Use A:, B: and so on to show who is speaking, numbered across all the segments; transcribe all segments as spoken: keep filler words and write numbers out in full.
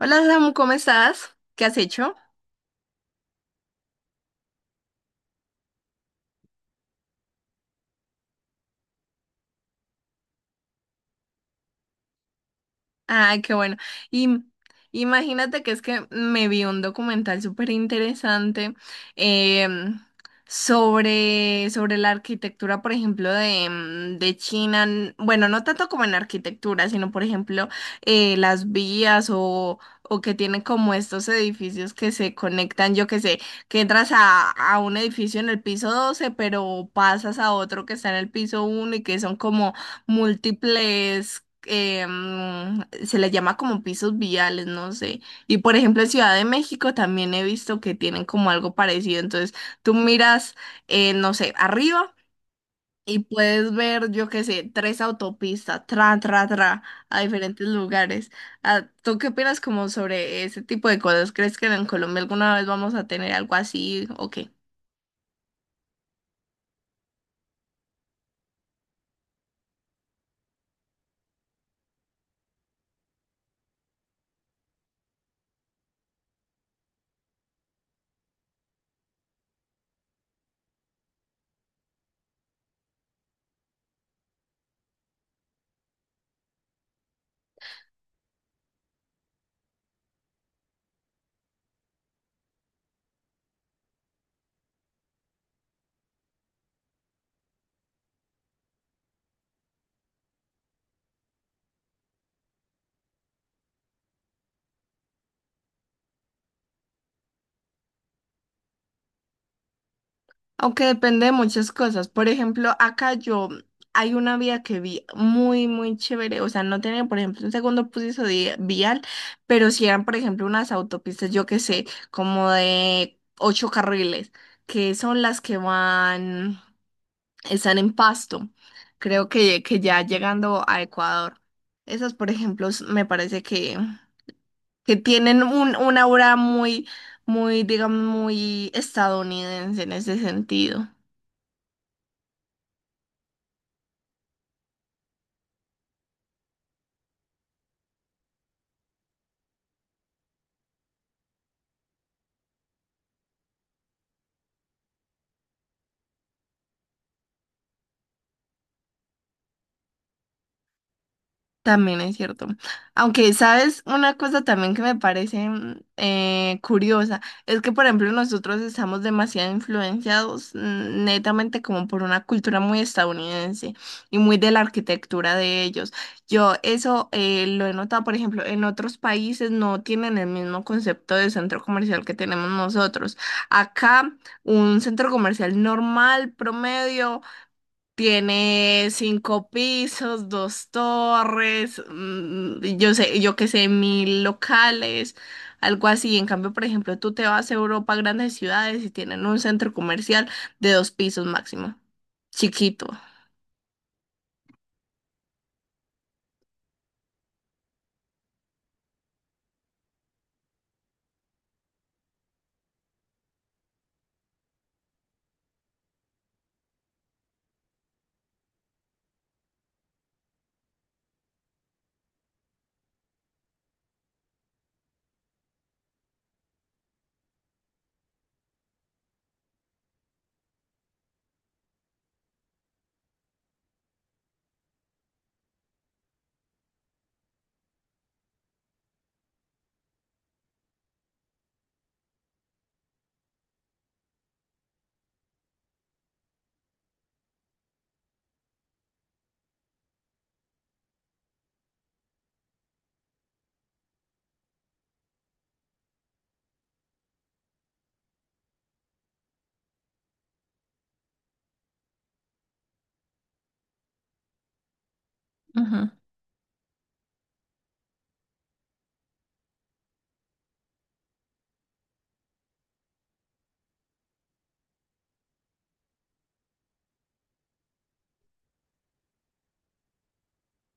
A: Hola Samu, ¿cómo estás? ¿Qué has hecho? Ay, qué bueno. Y m- Imagínate que es que me vi un documental súper interesante em, sobre, sobre la arquitectura, por ejemplo, de, em, de China. N- Bueno, no tanto como en arquitectura, sino, por ejemplo, eh, las vías o, o que tienen como estos edificios que se conectan, yo que sé, que entras a, a un edificio en el piso doce, pero pasas a otro que está en el piso uno y que son como múltiples eh, mm, se les llama como pisos viales, no sé. Y por ejemplo, en Ciudad de México también he visto que tienen como algo parecido. Entonces, tú miras, eh, no sé, arriba y puedes ver, yo qué sé, tres autopistas, tra, tra, tra, a diferentes lugares. Ah, ¿tú qué opinas como sobre ese tipo de cosas? ¿Crees que en Colombia alguna vez vamos a tener algo así o qué? Aunque depende de muchas cosas. Por ejemplo, acá yo hay una vía que vi muy, muy chévere. O sea, no tenía, por ejemplo, un segundo piso di- vial, pero si eran, por ejemplo, unas autopistas, yo qué sé, como de ocho carriles, que son las que van, están en Pasto. Creo que, que ya llegando a Ecuador. Esas, por ejemplo, s- me parece que, que tienen un, una aura muy, muy, digamos, muy estadounidense en ese sentido. También es cierto. Aunque, ¿sabes? Una cosa también que me parece mm, eh, curiosa es que, por ejemplo, nosotros estamos demasiado influenciados mm, netamente como por una cultura muy estadounidense y muy de la arquitectura de ellos. Yo eso eh, lo he notado, por ejemplo, en otros países no tienen el mismo concepto de centro comercial que tenemos nosotros. Acá, un centro comercial normal, promedio. Tiene cinco pisos, dos torres, mm, yo sé, yo qué sé, mil locales, algo así. En cambio, por ejemplo, tú te vas a Europa, grandes ciudades y tienen un centro comercial de dos pisos máximo, chiquito.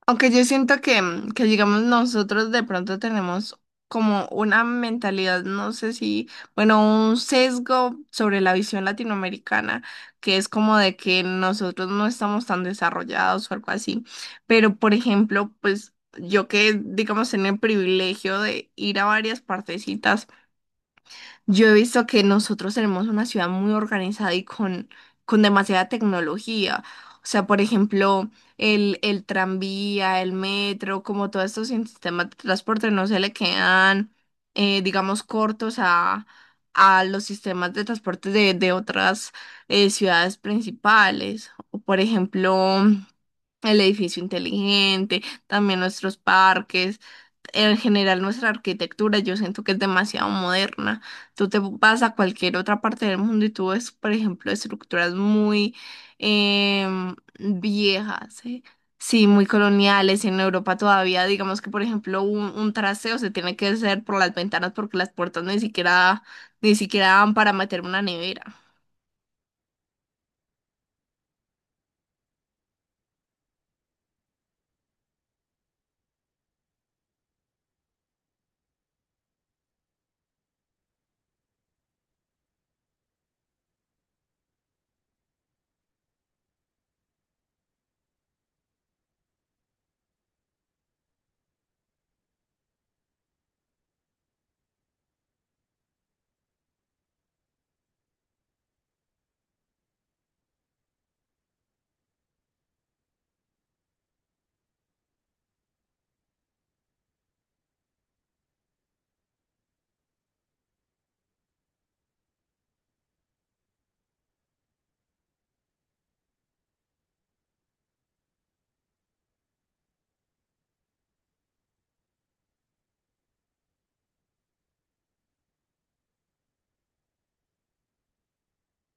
A: Aunque yo siento que, mm, que, digamos, nosotros de pronto tenemos como una mentalidad, no sé si, bueno, un sesgo sobre la visión latinoamericana, que es como de que nosotros no estamos tan desarrollados o algo así. Pero, por ejemplo, pues yo que, digamos, en el privilegio de ir a varias partecitas yo he visto que nosotros tenemos una ciudad muy organizada y con, con demasiada tecnología. O sea, por ejemplo, el, el tranvía, el metro, como todos estos sistemas de transporte no se le quedan, eh, digamos, cortos a, a los sistemas de transporte de, de otras eh, ciudades principales. O, por ejemplo, el edificio inteligente, también nuestros parques, en general nuestra arquitectura, yo siento que es demasiado moderna. Tú te vas a cualquier otra parte del mundo y tú ves, por ejemplo, estructuras muy em, viejas, sí. Sí, muy coloniales. En Europa todavía, digamos que, por ejemplo, un, un trasteo se tiene que hacer por las ventanas porque las puertas ni siquiera, ni siquiera dan para meter una nevera.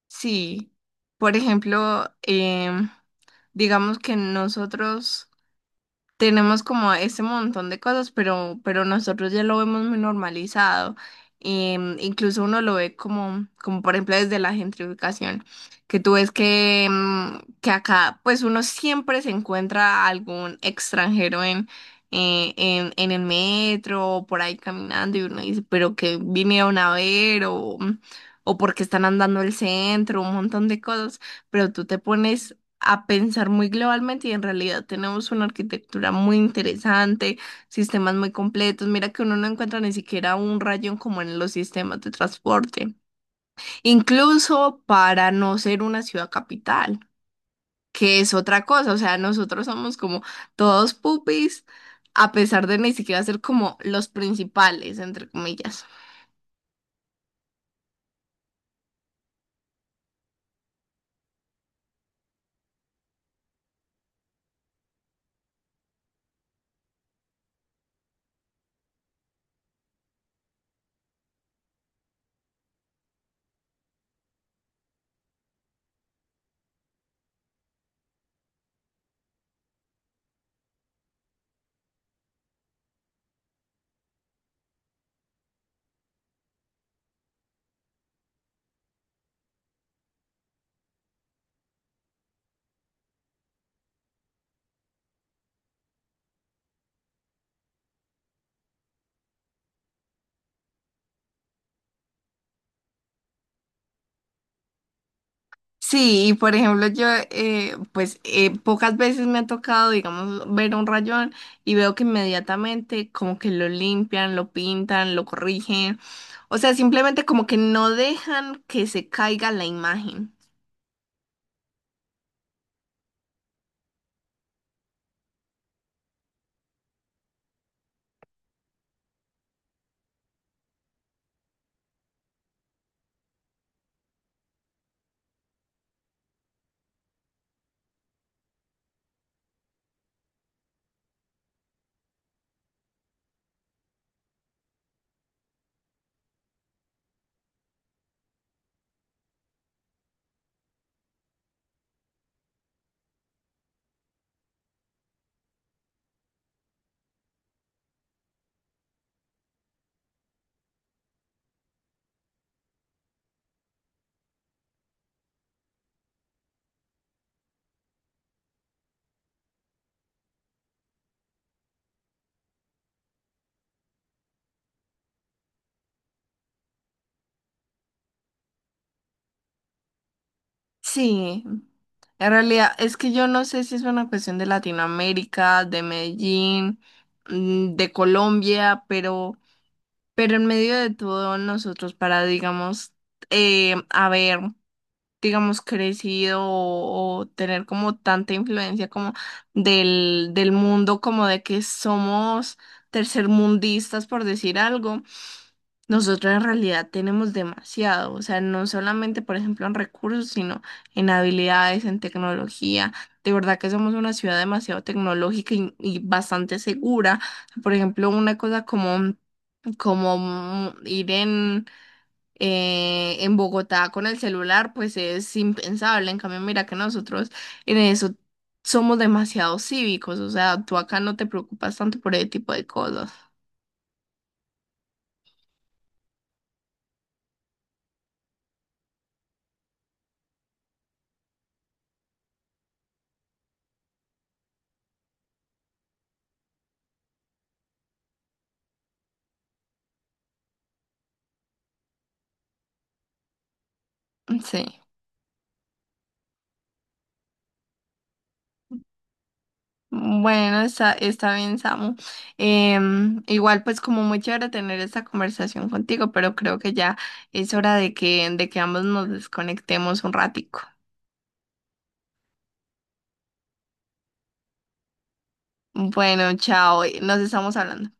A: Sí, por ejemplo, em, digamos que nosotros tenemos como ese montón de cosas, pero, pero nosotros ya lo vemos muy normalizado. Em, incluso uno lo ve como, como por ejemplo desde la gentrificación, que tú ves que, em, que acá pues uno siempre se encuentra algún extranjero en, eh, en, en el metro o por ahí caminando y uno dice, pero que vinieron a ver o, o porque están andando el centro, un montón de cosas, pero tú te pones a pensar muy globalmente y en realidad tenemos una arquitectura muy interesante, sistemas muy completos. Mira que uno no encuentra ni siquiera un rayón como en los sistemas de transporte, incluso para no ser una ciudad capital, que es otra cosa. O sea, nosotros somos como todos pupis, a pesar de ni siquiera ser como los principales, entre comillas. Sí, y por ejemplo, yo, eh, pues eh, pocas veces me ha tocado, digamos, ver un rayón y veo que inmediatamente como que lo limpian, lo pintan, lo corrigen. O sea, simplemente como que no dejan que se caiga la imagen. Sí, en realidad es que yo no sé si es una cuestión de Latinoamérica, de Medellín, mm, de Colombia, pero, pero en medio de todo nosotros para, digamos, eh, a ver, digamos, crecido o, o tener como tanta influencia como del, del mundo, como de que somos tercermundistas, por decir algo, nosotros en realidad tenemos demasiado, o sea, no solamente, por ejemplo, en recursos, sino en habilidades, en tecnología. De verdad que somos una ciudad demasiado tecnológica y, y bastante segura. Por ejemplo, una cosa como, como mm, ir en eh, en Bogotá con el celular, pues es impensable. En cambio, mira que nosotros en eso somos demasiado cívicos, o sea, tú acá no te preocupas tanto por ese tipo de cosas. Sí. Bueno, está, está bien, Samu. Em, igual, pues como muy chévere tener esta conversación contigo, pero creo que ya es hora de que, de que ambos nos desconectemos un ratico. Bueno, chao, nos estamos hablando.